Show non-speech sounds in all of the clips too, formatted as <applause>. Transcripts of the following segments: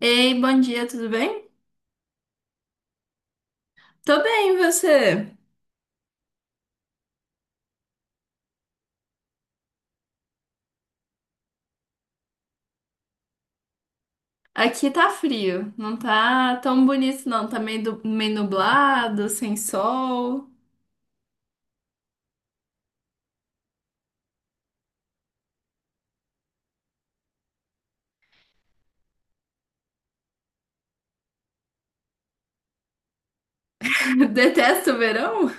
Ei, bom dia, tudo bem? Tô bem, e você? Aqui tá frio, não tá tão bonito não, tá meio nublado, sem sol. <laughs> Detesto o verão?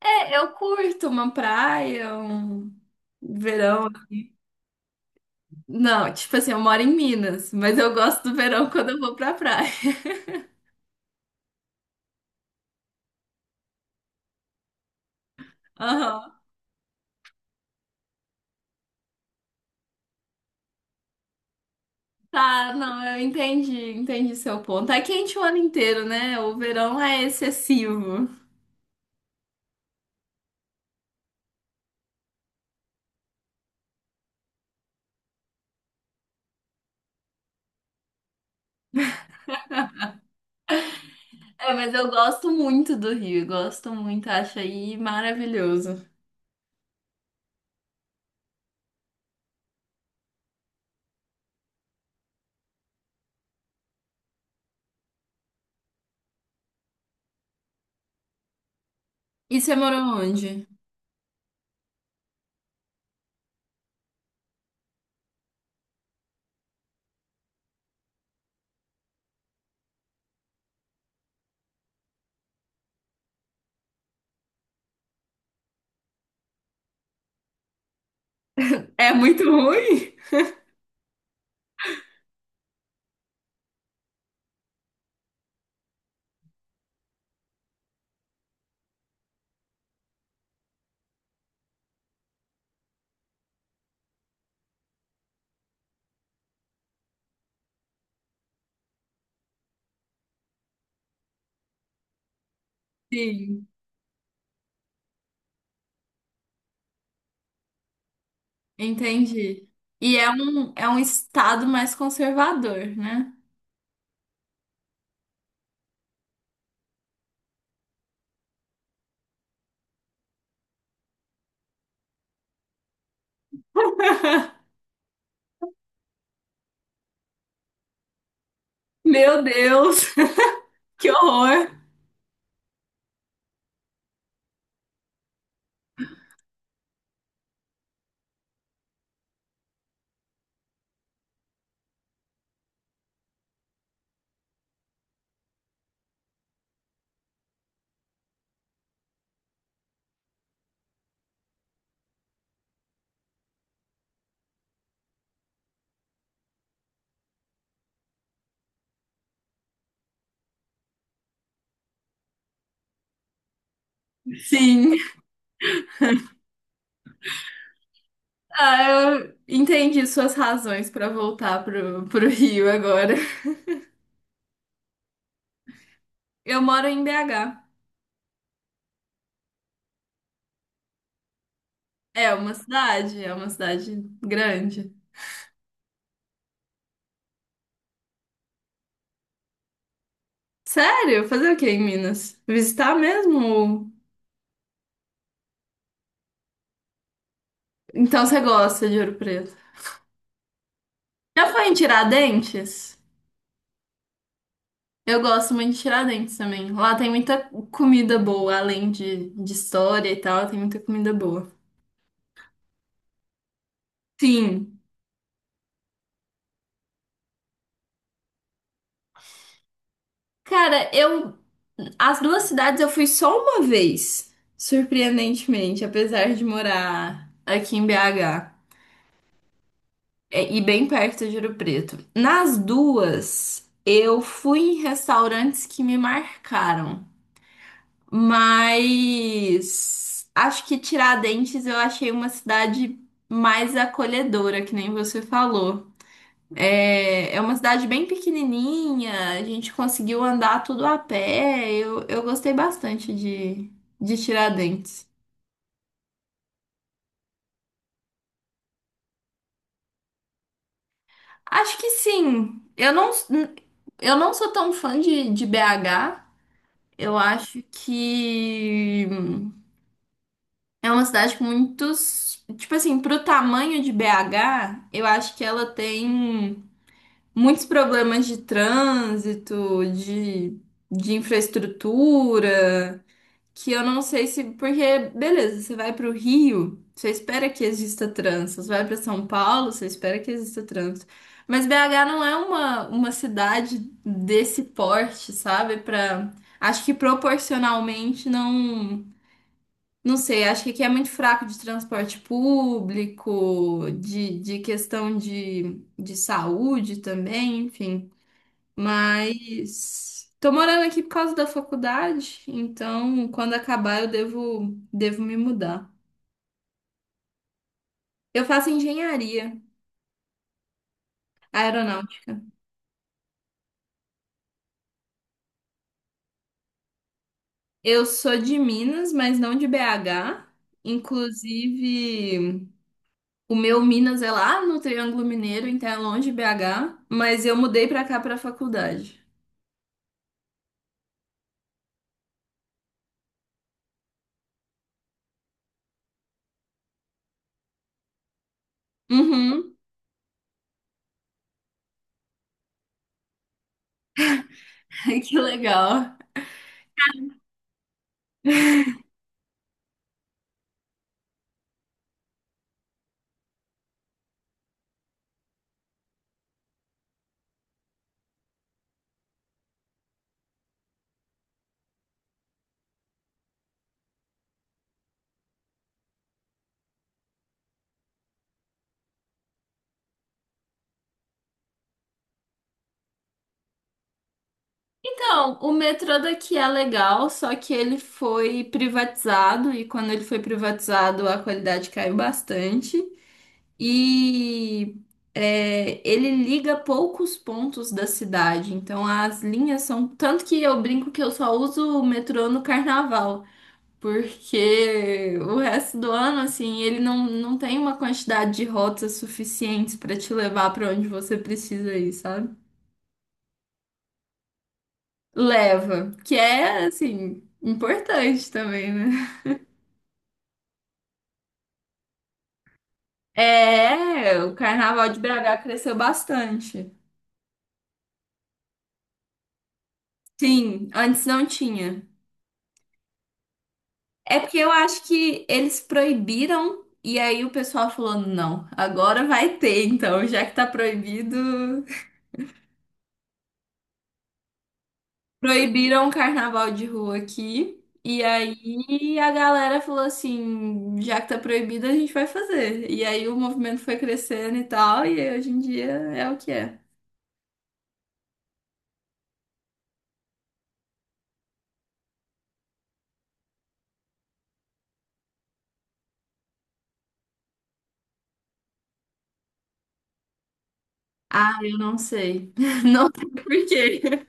É, eu curto uma praia, um verão. Não, tipo assim, eu moro em Minas, mas eu gosto do verão quando eu vou pra praia. <laughs> Aham. Tá, não, eu entendi, entendi seu ponto. Tá quente o ano inteiro, né? O verão é excessivo. É, mas eu gosto muito do Rio, gosto muito, acho aí maravilhoso. E você morou onde? É muito ruim? Sim, entendi. E é um estado mais conservador, né? <laughs> Meu Deus, <laughs> que horror! Sim. Ah, eu entendi suas razões para voltar pro Rio agora. Eu moro em BH. É uma cidade grande. Sério? Fazer o que em Minas? Visitar mesmo? Então você gosta de Ouro Preto. Já foi em Tiradentes? Eu gosto muito de Tiradentes também. Lá tem muita comida boa, além de história e tal, tem muita comida boa. Sim. Cara, eu. As duas cidades eu fui só uma vez, surpreendentemente, apesar de morar aqui em BH, é, e bem perto de Ouro Preto. Nas duas, eu fui em restaurantes que me marcaram. Mas acho que Tiradentes eu achei uma cidade mais acolhedora, que nem você falou. É, é uma cidade bem pequenininha, a gente conseguiu andar tudo a pé. Eu gostei bastante de Tiradentes. Acho que sim. Eu não sou tão fã de BH. Eu acho que. É uma cidade com muitos. Tipo assim, pro tamanho de BH, eu acho que ela tem muitos problemas de trânsito, de infraestrutura, que eu não sei se. Porque, beleza, você vai pro Rio, você espera que exista trânsito. Você vai pra São Paulo, você espera que exista trânsito. Mas BH não é uma cidade desse porte, sabe? Acho que proporcionalmente não. Não sei, acho que aqui é muito fraco de transporte público, de questão de saúde também, enfim. Mas tô morando aqui por causa da faculdade, então quando acabar eu devo me mudar. Eu faço engenharia aeronáutica. Eu sou de Minas, mas não de BH. Inclusive, o meu Minas é lá no Triângulo Mineiro, então é longe de BH, mas eu mudei pra cá pra faculdade. Uhum. <laughs> Ai, que legal. Então, o metrô daqui é legal, só que ele foi privatizado e quando ele foi privatizado a qualidade caiu bastante. E é, ele liga poucos pontos da cidade, então as linhas são. Tanto que eu brinco que eu só uso o metrô no carnaval, porque o resto do ano, assim, ele não tem uma quantidade de rotas suficientes para te levar para onde você precisa ir, sabe? Leva, que é, assim, importante também, né? É, o carnaval de BH cresceu bastante. Sim, antes não tinha. É porque eu acho que eles proibiram e aí o pessoal falou, não, agora vai ter, então, já que tá proibido. Proibiram o carnaval de rua aqui. E aí a galera falou assim, já que tá proibido, a gente vai fazer. E aí o movimento foi crescendo e tal, e hoje em dia é o que é. Ah, eu não sei. <laughs> Não sei por quê.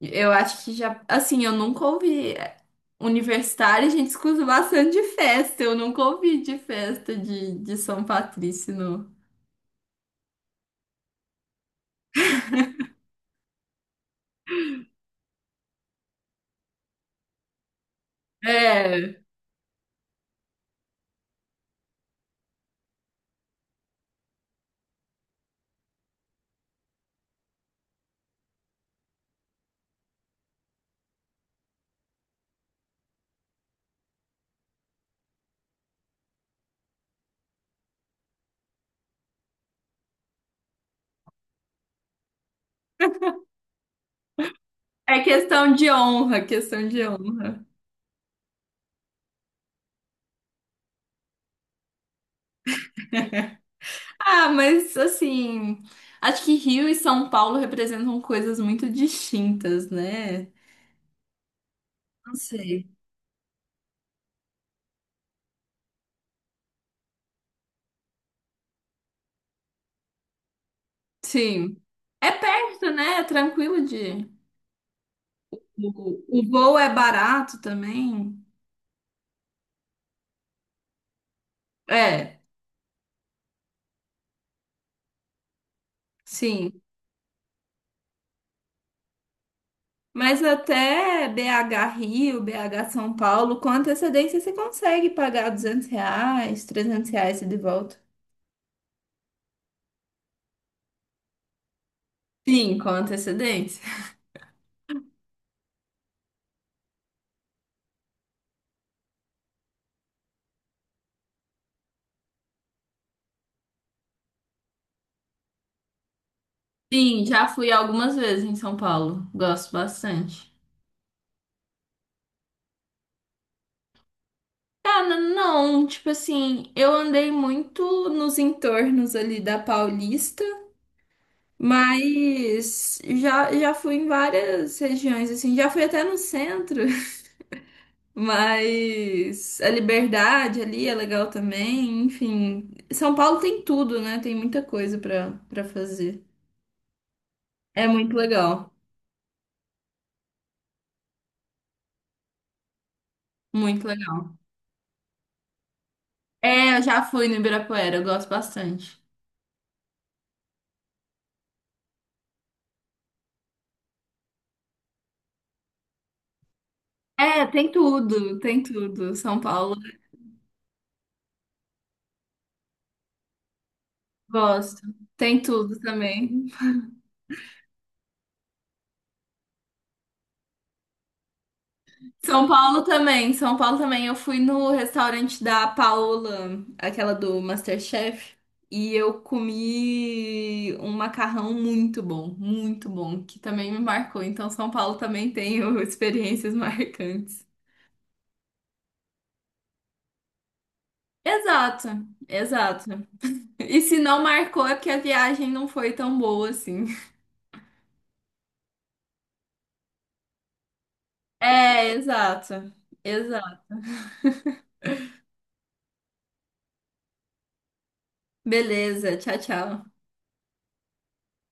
Eu acho que já. Assim, eu nunca ouvi. É, universitário, a gente escuta bastante de festa. Eu nunca ouvi de festa de São Patrício, não. É. É questão de honra, questão de honra. Ah, mas assim. Acho que Rio e São Paulo representam coisas muito distintas, né? Não sei. Sim. É perto, né? É tranquilo de. O voo é barato também. É. Sim, mas até BH Rio, BH São Paulo, com antecedência você consegue pagar R$ 200, R$ 300 de volta. Sim, com antecedência. Sim, já fui algumas vezes em São Paulo. Gosto bastante. Cara, não, tipo assim, eu andei muito nos entornos ali da Paulista, mas já fui em várias regiões, assim, já fui até no centro. Mas a liberdade ali é legal também, enfim. São Paulo tem tudo, né? Tem muita coisa pra para fazer. É muito legal, muito legal. É, eu já fui no Ibirapuera, eu gosto bastante. É, tem tudo, tem tudo. São Paulo, gosto. Tem tudo também. São Paulo também, São Paulo também. Eu fui no restaurante da Paola, aquela do MasterChef, e eu comi um macarrão muito bom, que também me marcou. Então, São Paulo também tem <laughs> experiências marcantes. Exato, exato. E se não marcou é porque a viagem não foi tão boa assim. É, exato, exato. Beleza, tchau, tchau.